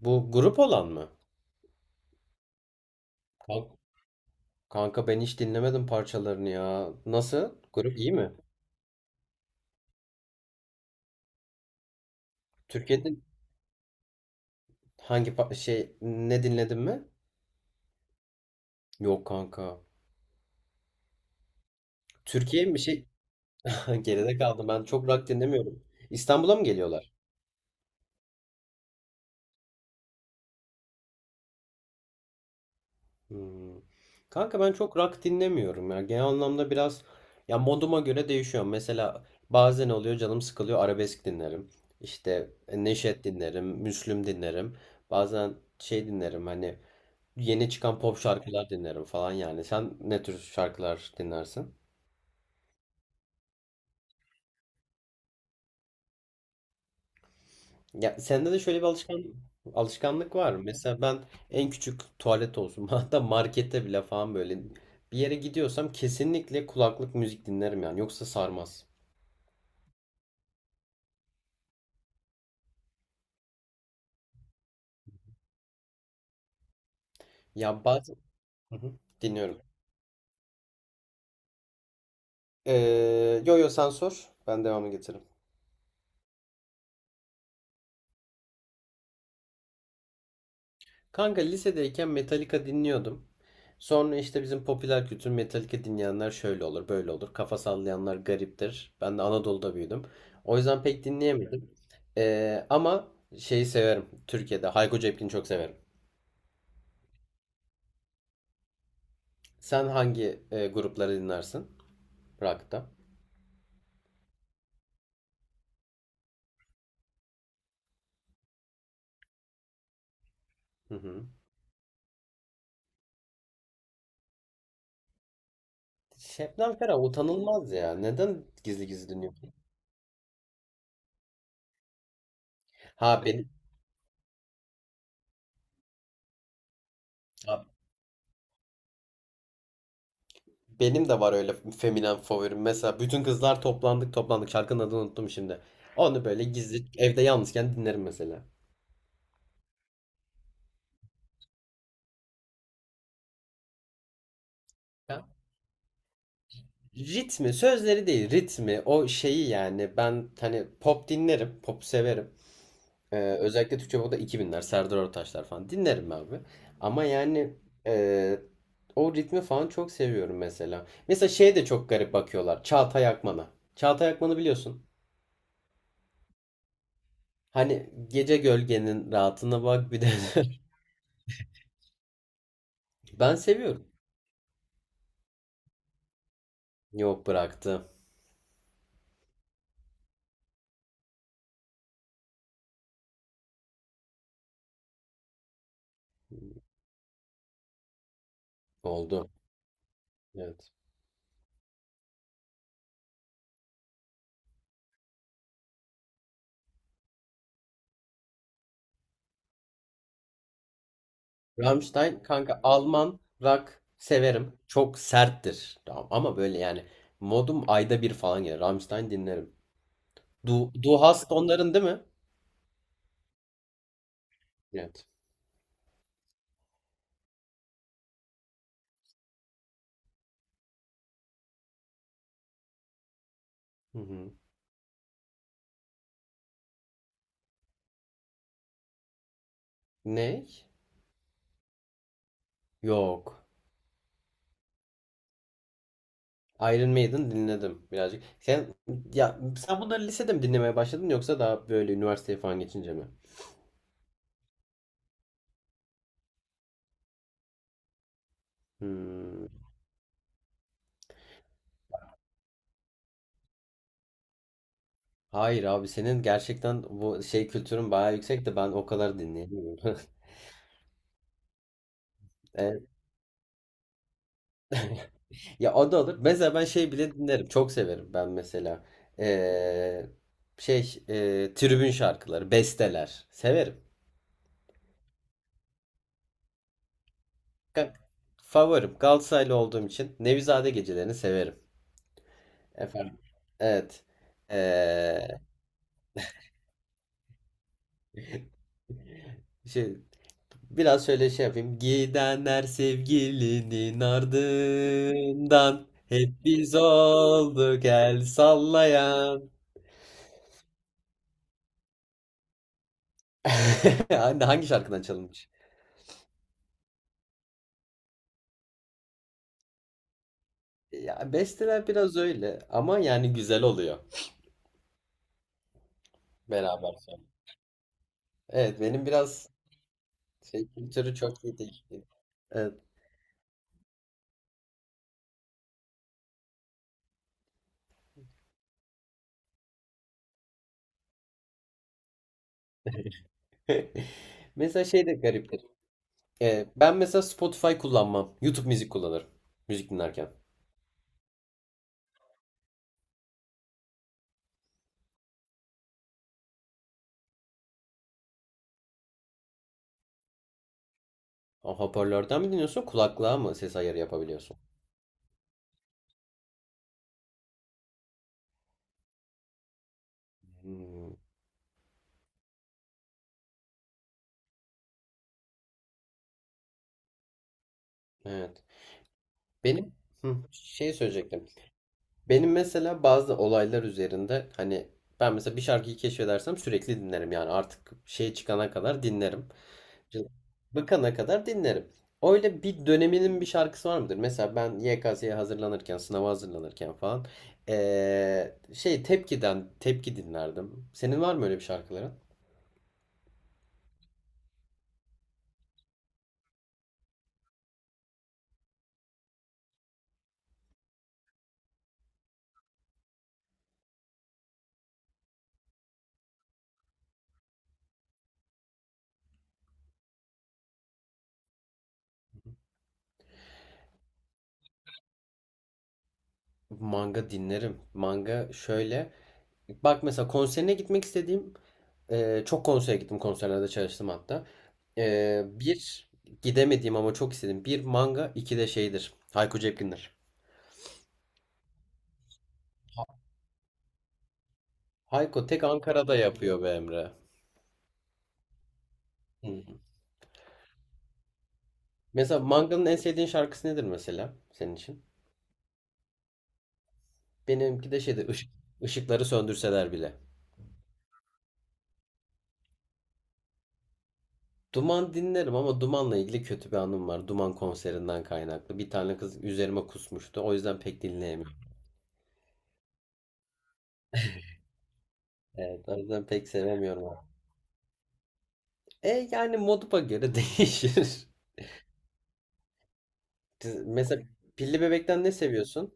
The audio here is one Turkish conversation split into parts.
Bu grup olan mı? Kank- Kanka ben hiç dinlemedim parçalarını ya. Nasıl? Grup iyi mi? Türkiye'de hangi pa- şey ne dinledin mi? Yok kanka. Türkiye mi şey? Geride kaldım. Ben çok rock dinlemiyorum. İstanbul'a mı geliyorlar? Hmm. Kanka ben çok rock dinlemiyorum ya. Genel anlamda biraz ya moduma göre değişiyor. Mesela bazen oluyor canım sıkılıyor arabesk dinlerim. İşte Neşet dinlerim, Müslüm dinlerim. Bazen şey dinlerim hani yeni çıkan pop şarkılar dinlerim falan yani. Sen ne tür şarkılar dinlersin? Ya sende de şöyle bir alışkanlık var mı? Mesela ben en küçük tuvalet olsun, hatta markette bile falan, böyle bir yere gidiyorsam kesinlikle kulaklık müzik dinlerim yani. Yoksa sarmaz. Ya bazen, hı hı, dinliyorum. Yo yo, sen sor. Ben devamını getiririm. Kanka lisedeyken Metallica dinliyordum. Sonra işte bizim popüler kültür, Metallica dinleyenler şöyle olur, böyle olur. Kafa sallayanlar gariptir. Ben de Anadolu'da büyüdüm. O yüzden pek dinleyemedim. Ama şeyi severim. Türkiye'de Hayko Cepkin'i çok severim. Sen hangi grupları dinlersin? Rock'ta. Hı hı. Şebnem Ferah utanılmaz ya. Neden gizli gizli dinliyorsun? Ha benim, Benim de var öyle feminen favorim. Mesela bütün kızlar toplandık toplandık. Şarkının adını unuttum şimdi. Onu böyle gizli evde yalnızken dinlerim mesela. Ya, ritmi, sözleri değil, ritmi, o şeyi yani. Ben hani pop dinlerim, pop severim. Özellikle Türkçe pop'ta iki binler Serdar Ortaçlar falan dinlerim abi. Ama yani e, o ritmi falan çok seviyorum mesela. Mesela şeye de çok garip bakıyorlar. Çağatay Akman'a. Çağatay Akman'ı biliyorsun. Hani gece gölgenin rahatına bak bir de. Ben seviyorum. Yok bıraktı. Oldu. Evet. Rammstein kanka, Alman rock severim. Çok serttir. Tamam. Ama böyle yani modum ayda bir falan gelir. Rammstein dinlerim. Du, Du Hast onların değil mi? Evet. Hı hı. Ne? Yok. Iron Maiden dinledim birazcık. Ya Sen bunları lisede mi dinlemeye başladın yoksa daha böyle üniversiteye falan geçince mi? Hmm. Hayır abi, senin gerçekten bu şey kültürün bayağı yüksek de ben o kadar dinleyemiyorum. Ya o da olur. Mesela ben şey bile dinlerim. Çok severim ben mesela. Ee, Tribün şarkıları, besteler. Severim. Ka- Favorim. Galatasaraylı olduğum için Nevizade gecelerini severim. Efendim. Evet. Ee, şey, Biraz şöyle şey yapayım. Gidenler sevgilinin ardından, hep biz olduk el sallayan. Hangi şarkıdan çalınmış? Ya besteler biraz öyle ama yani güzel oluyor beraber. Evet, benim biraz şey kültürü çok iyi değil. Evet. Mesela şey de gariptir. Ben mesela Spotify kullanmam. YouTube müzik kullanırım. Müzik dinlerken. O, hoparlörden mi dinliyorsun? Kulaklığa mı ses ayarı yapabiliyorsun? Hmm, evet. Benim hı, şey söyleyecektim. Benim mesela bazı olaylar üzerinde hani, ben mesela bir şarkıyı keşfedersem sürekli dinlerim yani artık şey çıkana kadar dinlerim. Bıkana kadar dinlerim. Öyle bir döneminin bir şarkısı var mıdır? Mesela ben YKS'ye hazırlanırken, sınava hazırlanırken falan, şey Tepki'den Tepki dinlerdim. Senin var mı öyle bir şarkıların? Manga dinlerim. Manga şöyle. Bak mesela konserine gitmek istediğim, çok konsere gittim. Konserlerde çalıştım hatta. Bir gidemediğim ama çok istedim. Bir manga, iki de şeydir. Hayko Cepkin'dir. Hayko tek Ankara'da yapıyor be Emre. Hı. Mesela Manga'nın en sevdiğin şarkısı nedir mesela senin için? Benimki de şeydir, ışık, ışıkları söndürseler bile. Duman dinlerim ama Duman'la ilgili kötü bir anım var. Duman konserinden kaynaklı. Bir tane kız üzerime kusmuştu. O yüzden pek dinleyemiyorum. Evet, o yüzden pek sevemiyorum onu. E yani moduma göre değişir. Mesela Pilli Bebek'ten ne seviyorsun?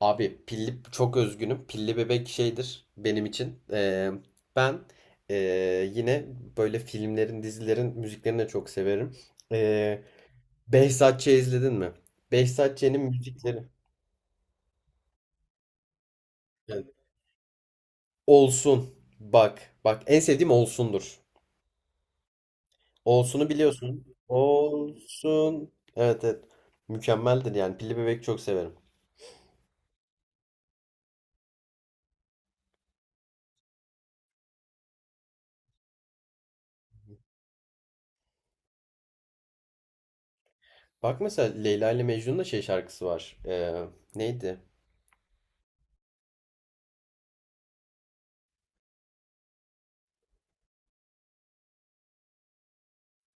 Abi pilli çok özgünüm. Pilli bebek şeydir benim için. Ben Yine böyle filmlerin, dizilerin müziklerini de çok severim. Ee, Behzat Ç. izledin mi? Behzat Ç'nin müzikleri. Evet. Olsun. Bak. Bak, en sevdiğim Olsun'dur. Olsun'u biliyorsun. Olsun. Evet, evet. Mükemmeldir yani. Pilli bebek çok severim. Bak mesela Leyla ile Mecnun'da şey şarkısı var. Neydi?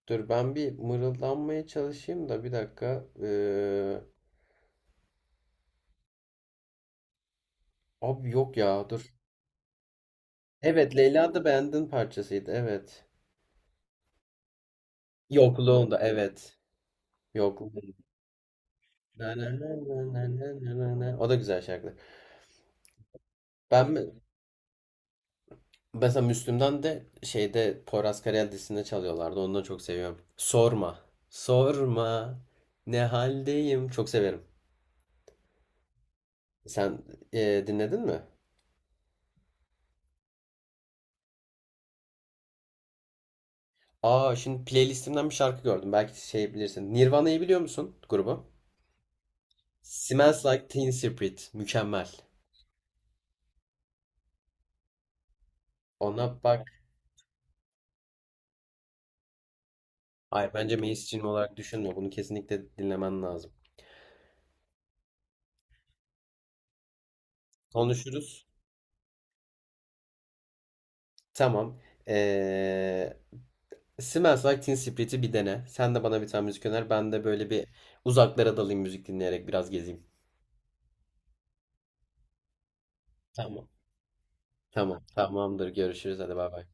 Dur ben bir mırıldanmaya çalışayım da bir dakika. Abi yok ya dur. Evet, Leyla da Band'ın parçasıydı, evet. Yokluğunda, evet. Yokluğunda. Na, na, na, na, na, na, na, na. O da güzel şarkı. Ben mi- Mesela Müslüm'den de şeyde Poyraz Karayel dizisinde çalıyorlardı. Onu da çok seviyorum. Sorma. Sorma. Ne haldeyim? Çok severim. Sen dinledin mi? Aa, şimdi playlistimden bir şarkı gördüm. Belki şey bilirsin. Nirvana'yı biliyor musun, grubu? Smells Like Teen Spirit. Mükemmel. Ona bak. Ay bence mainstream olarak düşünme. Bunu kesinlikle dinlemen lazım. Konuşuruz. Tamam. Ee, Smells Like Teen Spirit'i bir dene. Sen de bana bir tane müzik öner. Ben de böyle bir uzaklara dalayım, müzik dinleyerek biraz gezeyim. Tamam. Tamam. Tamamdır. Görüşürüz. Hadi bay bay.